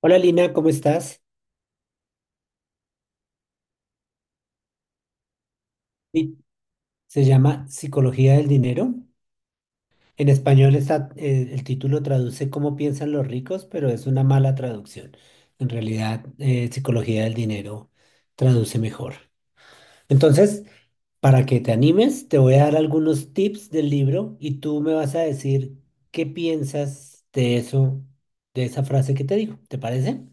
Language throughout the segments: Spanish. Hola Lina, ¿cómo estás? Sí. Se llama Psicología del Dinero. En español está, el título traduce cómo piensan los ricos, pero es una mala traducción. En realidad, Psicología del Dinero traduce mejor. Entonces, para que te animes, te voy a dar algunos tips del libro y tú me vas a decir qué piensas de eso, de esa frase que te digo. ¿Te parece?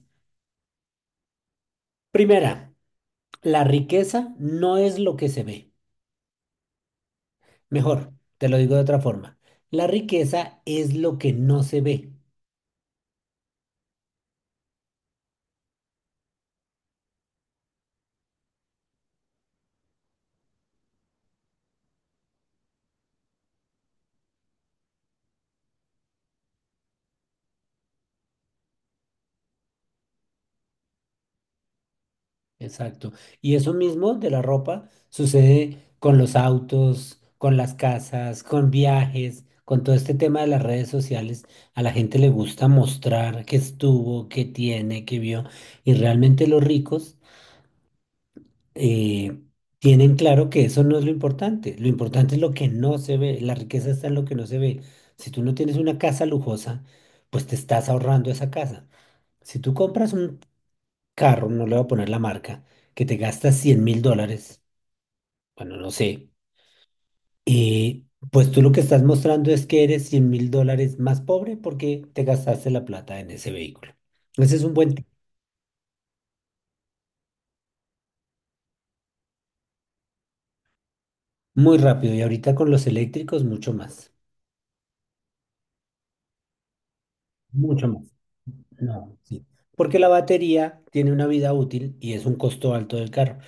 Primera, la riqueza no es lo que se ve. Mejor, te lo digo de otra forma. La riqueza es lo que no se ve. Exacto. Y eso mismo de la ropa sucede con los autos, con las casas, con viajes, con todo este tema de las redes sociales. A la gente le gusta mostrar qué estuvo, qué tiene, qué vio. Y realmente los ricos eh, tienen claro que eso no es lo importante. Lo importante es lo que no se ve. La riqueza está en lo que no se ve. Si tú no tienes una casa lujosa, pues te estás ahorrando esa casa. Si tú compras un carro, no le voy a poner la marca, que te gasta 100 mil dólares, bueno, no sé, y pues tú lo que estás mostrando es que eres 100 mil dólares más pobre porque te gastaste la plata en ese vehículo. Ese es un buen tip, muy rápido y ahorita con los eléctricos mucho más, mucho más. No, sí. Porque la batería tiene una vida útil y es un costo alto del carro.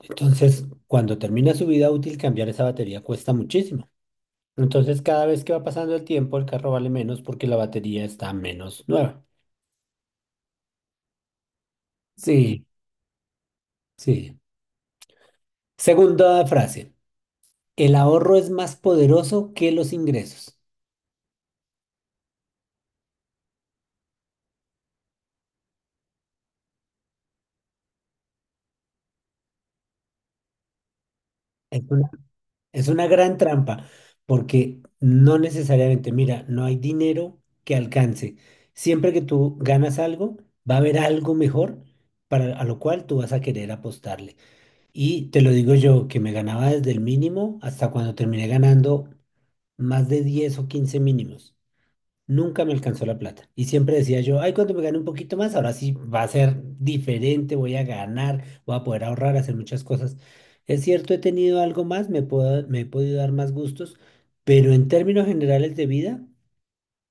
Entonces, cuando termina su vida útil, cambiar esa batería cuesta muchísimo. Entonces, cada vez que va pasando el tiempo, el carro vale menos porque la batería está menos nueva. Sí, sí. Segunda frase. El ahorro es más poderoso que los ingresos. Es una, es una gran trampa porque no necesariamente, mira, no hay dinero que alcance. Siempre que tú ganas algo, va a haber algo mejor para, a lo cual tú vas a querer apostarle. Y te lo digo yo, que me ganaba desde el mínimo hasta cuando terminé ganando más de 10 o 15 mínimos. Nunca me alcanzó la plata. Y siempre decía yo, ay, cuando me gane un poquito más, ahora sí va a ser diferente, voy a ganar, voy a poder ahorrar, hacer muchas cosas. Es cierto, he tenido algo más, me he podido dar más gustos, pero en términos generales de vida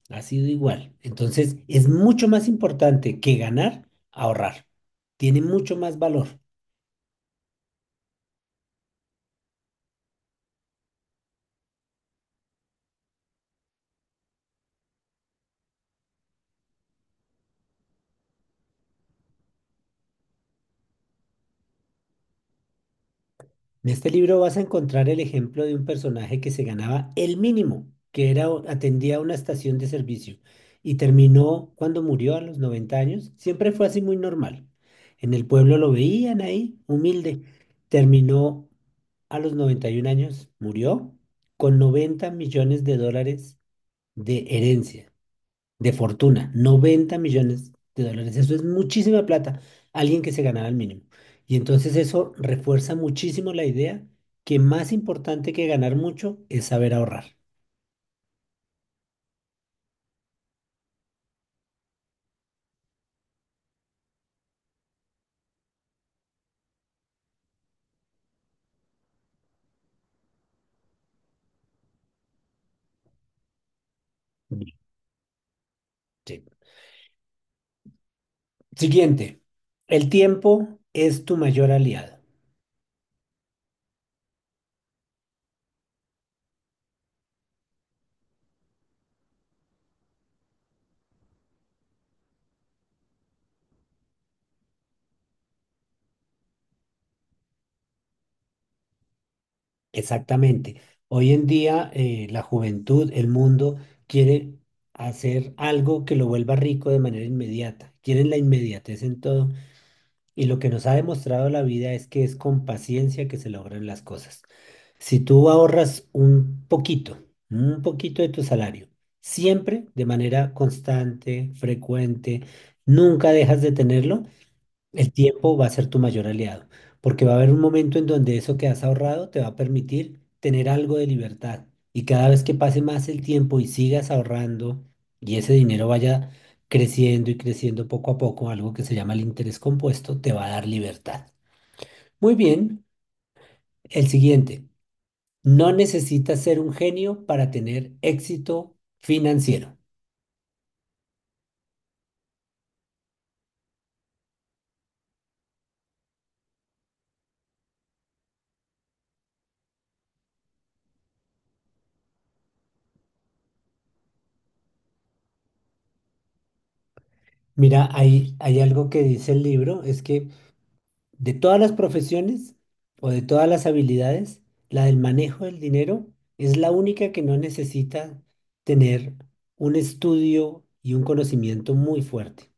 ha sido igual. Entonces, es mucho más importante que ganar, ahorrar. Tiene mucho más valor. En este libro vas a encontrar el ejemplo de un personaje que se ganaba el mínimo, que era, atendía una estación de servicio y terminó cuando murió a los 90 años. Siempre fue así muy normal. En el pueblo lo veían ahí, humilde. Terminó a los 91 años, murió con 90 millones de dólares de herencia de fortuna, 90 millones de dólares. Eso es muchísima plata, alguien que se ganara el mínimo. Y entonces eso refuerza muchísimo la idea que más importante que ganar mucho es saber ahorrar. Bien. Sí. Siguiente, el tiempo es tu mayor aliado. Exactamente. Hoy en día la juventud, el mundo quiere hacer algo que lo vuelva rico de manera inmediata. Quieren la inmediatez en todo. Y lo que nos ha demostrado la vida es que es con paciencia que se logran las cosas. Si tú ahorras un poquito de tu salario, siempre de manera constante, frecuente, nunca dejas de tenerlo, el tiempo va a ser tu mayor aliado, porque va a haber un momento en donde eso que has ahorrado te va a permitir tener algo de libertad. Y cada vez que pase más el tiempo y sigas ahorrando y ese dinero vaya creciendo y creciendo poco a poco, algo que se llama el interés compuesto, te va a dar libertad. Muy bien, el siguiente. No necesitas ser un genio para tener éxito financiero. Mira, hay algo que dice el libro, es que de todas las profesiones o de todas las habilidades, la del manejo del dinero es la única que no necesita tener un estudio y un conocimiento muy fuerte.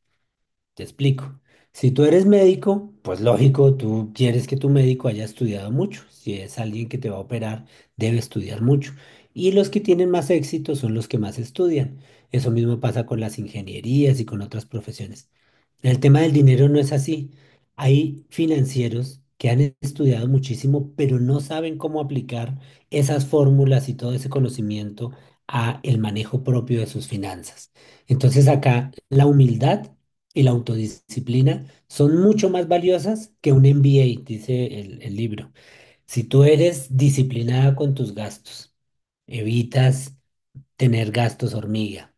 Te explico. Si tú eres médico, pues lógico, tú quieres que tu médico haya estudiado mucho. Si es alguien que te va a operar, debe estudiar mucho. Y los que tienen más éxito son los que más estudian. Eso mismo pasa con las ingenierías y con otras profesiones. El tema del dinero no es así. Hay financieros que han estudiado muchísimo, pero no saben cómo aplicar esas fórmulas y todo ese conocimiento a el manejo propio de sus finanzas. Entonces acá la humildad y la autodisciplina son mucho más valiosas que un MBA, dice el libro. Si tú eres disciplinada con tus gastos, evitas tener gastos hormiga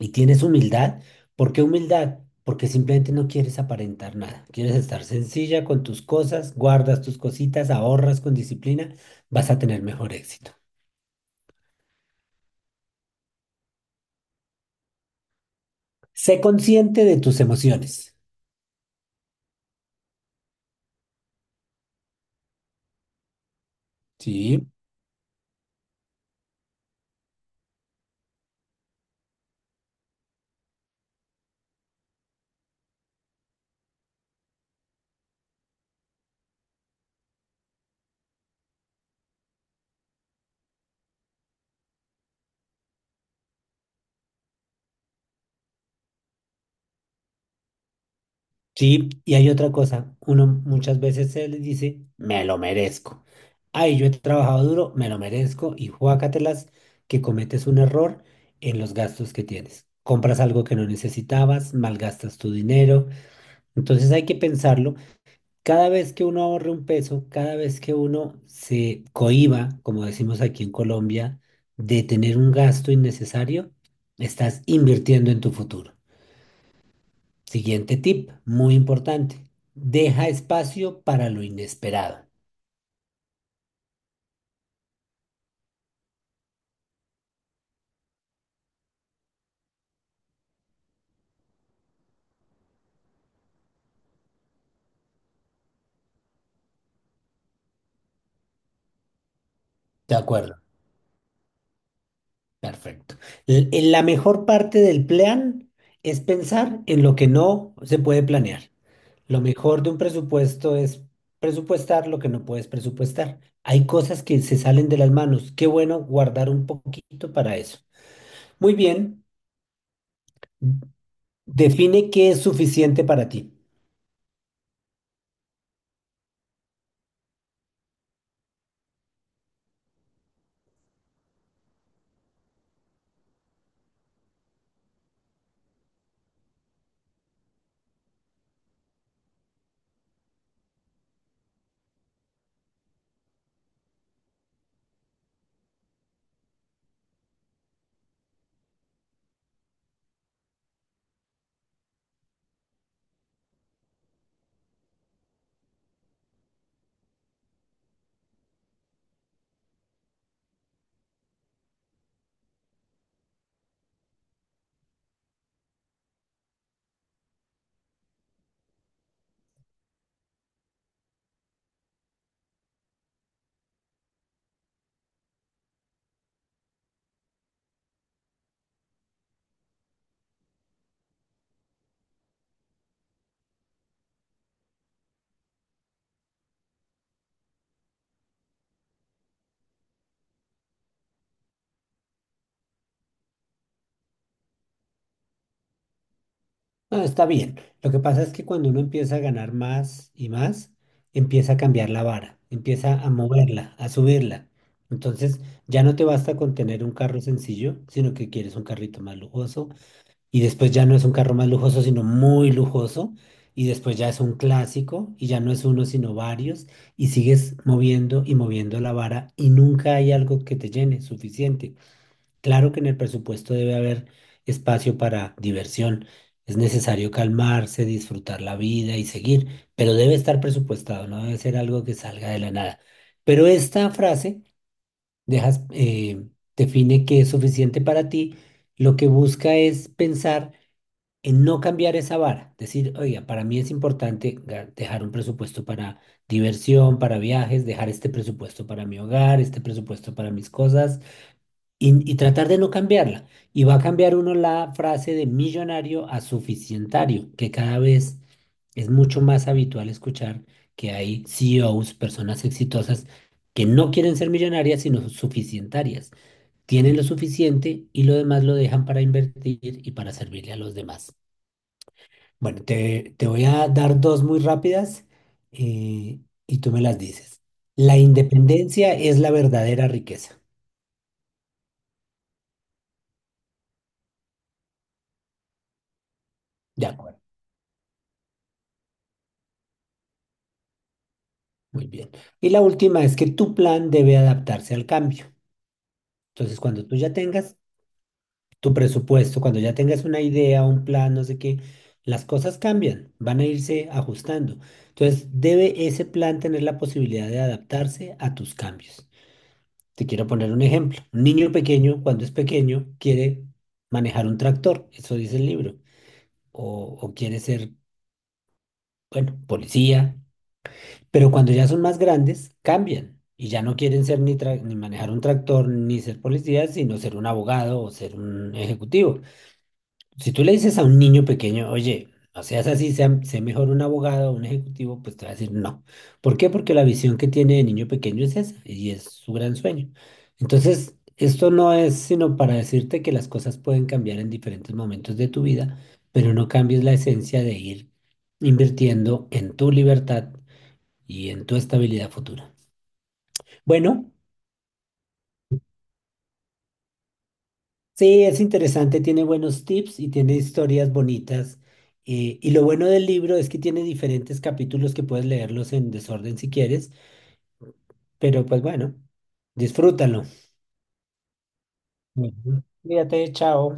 y tienes humildad, ¿por qué humildad? Porque simplemente no quieres aparentar nada, quieres estar sencilla con tus cosas, guardas tus cositas, ahorras con disciplina, vas a tener mejor éxito. Sé consciente de tus emociones, ¿sí? Sí, y hay otra cosa, uno muchas veces se les dice, me lo merezco. Ay, yo he trabajado duro, me lo merezco, y juácatelas que cometes un error en los gastos que tienes. Compras algo que no necesitabas, malgastas tu dinero. Entonces hay que pensarlo. Cada vez que uno ahorre un peso, cada vez que uno se cohíba, como decimos aquí en Colombia, de tener un gasto innecesario, estás invirtiendo en tu futuro. Siguiente tip, muy importante. Deja espacio para lo inesperado. De acuerdo, perfecto. En la mejor parte del plan es pensar en lo que no se puede planear. Lo mejor de un presupuesto es presupuestar lo que no puedes presupuestar. Hay cosas que se salen de las manos. Qué bueno guardar un poquito para eso. Muy bien, define qué es suficiente para ti. No, está bien. Lo que pasa es que cuando uno empieza a ganar más y más, empieza a cambiar la vara, empieza a moverla, a subirla. Entonces, ya no te basta con tener un carro sencillo, sino que quieres un carrito más lujoso. Y después ya no es un carro más lujoso, sino muy lujoso. Y después ya es un clásico y ya no es uno, sino varios. Y sigues moviendo y moviendo la vara y nunca hay algo que te llene suficiente. Claro que en el presupuesto debe haber espacio para diversión. Es necesario calmarse, disfrutar la vida y seguir, pero debe estar presupuestado, no debe ser algo que salga de la nada. Pero esta frase dejas, define que es suficiente para ti. Lo que busca es pensar en no cambiar esa vara. Decir, oiga, para mí es importante dejar un presupuesto para diversión, para viajes, dejar este presupuesto para mi hogar, este presupuesto para mis cosas y tratar de no cambiarla. Y va a cambiar uno la frase de millonario a suficientario, que cada vez es mucho más habitual escuchar que hay CEOs, personas exitosas, que no quieren ser millonarias, sino suficientarias. Tienen lo suficiente y lo demás lo dejan para invertir y para servirle a los demás. Bueno, te voy a dar dos muy rápidas eh, y tú me las dices. La independencia es la verdadera riqueza. De acuerdo. Muy bien. Y la última es que tu plan debe adaptarse al cambio. Entonces, cuando tú ya tengas tu presupuesto, cuando ya tengas una idea, un plan, no sé qué, las cosas cambian, van a irse ajustando. Entonces, debe ese plan tener la posibilidad de adaptarse a tus cambios. Te quiero poner un ejemplo. Un niño pequeño, cuando es pequeño, quiere manejar un tractor, eso dice el libro, o quiere ser, bueno, policía. Pero cuando ya son más grandes, cambian y ya no quieren ser ni manejar un tractor ni ser policías, sino ser un abogado o ser un ejecutivo. Si tú le dices a un niño pequeño, oye, no seas así, sé mejor un abogado o un ejecutivo, pues te va a decir no. ¿Por qué? Porque la visión que tiene de niño pequeño es esa y es su gran sueño. Entonces, esto no es sino para decirte que las cosas pueden cambiar en diferentes momentos de tu vida, pero no cambies la esencia de ir invirtiendo en tu libertad y en tu estabilidad futura. Bueno, sí, es interesante, tiene buenos tips y tiene historias bonitas. Y lo bueno del libro es que tiene diferentes capítulos que puedes leerlos en desorden si quieres, pero pues bueno, disfrútalo. Ujú. Cuídate, chao.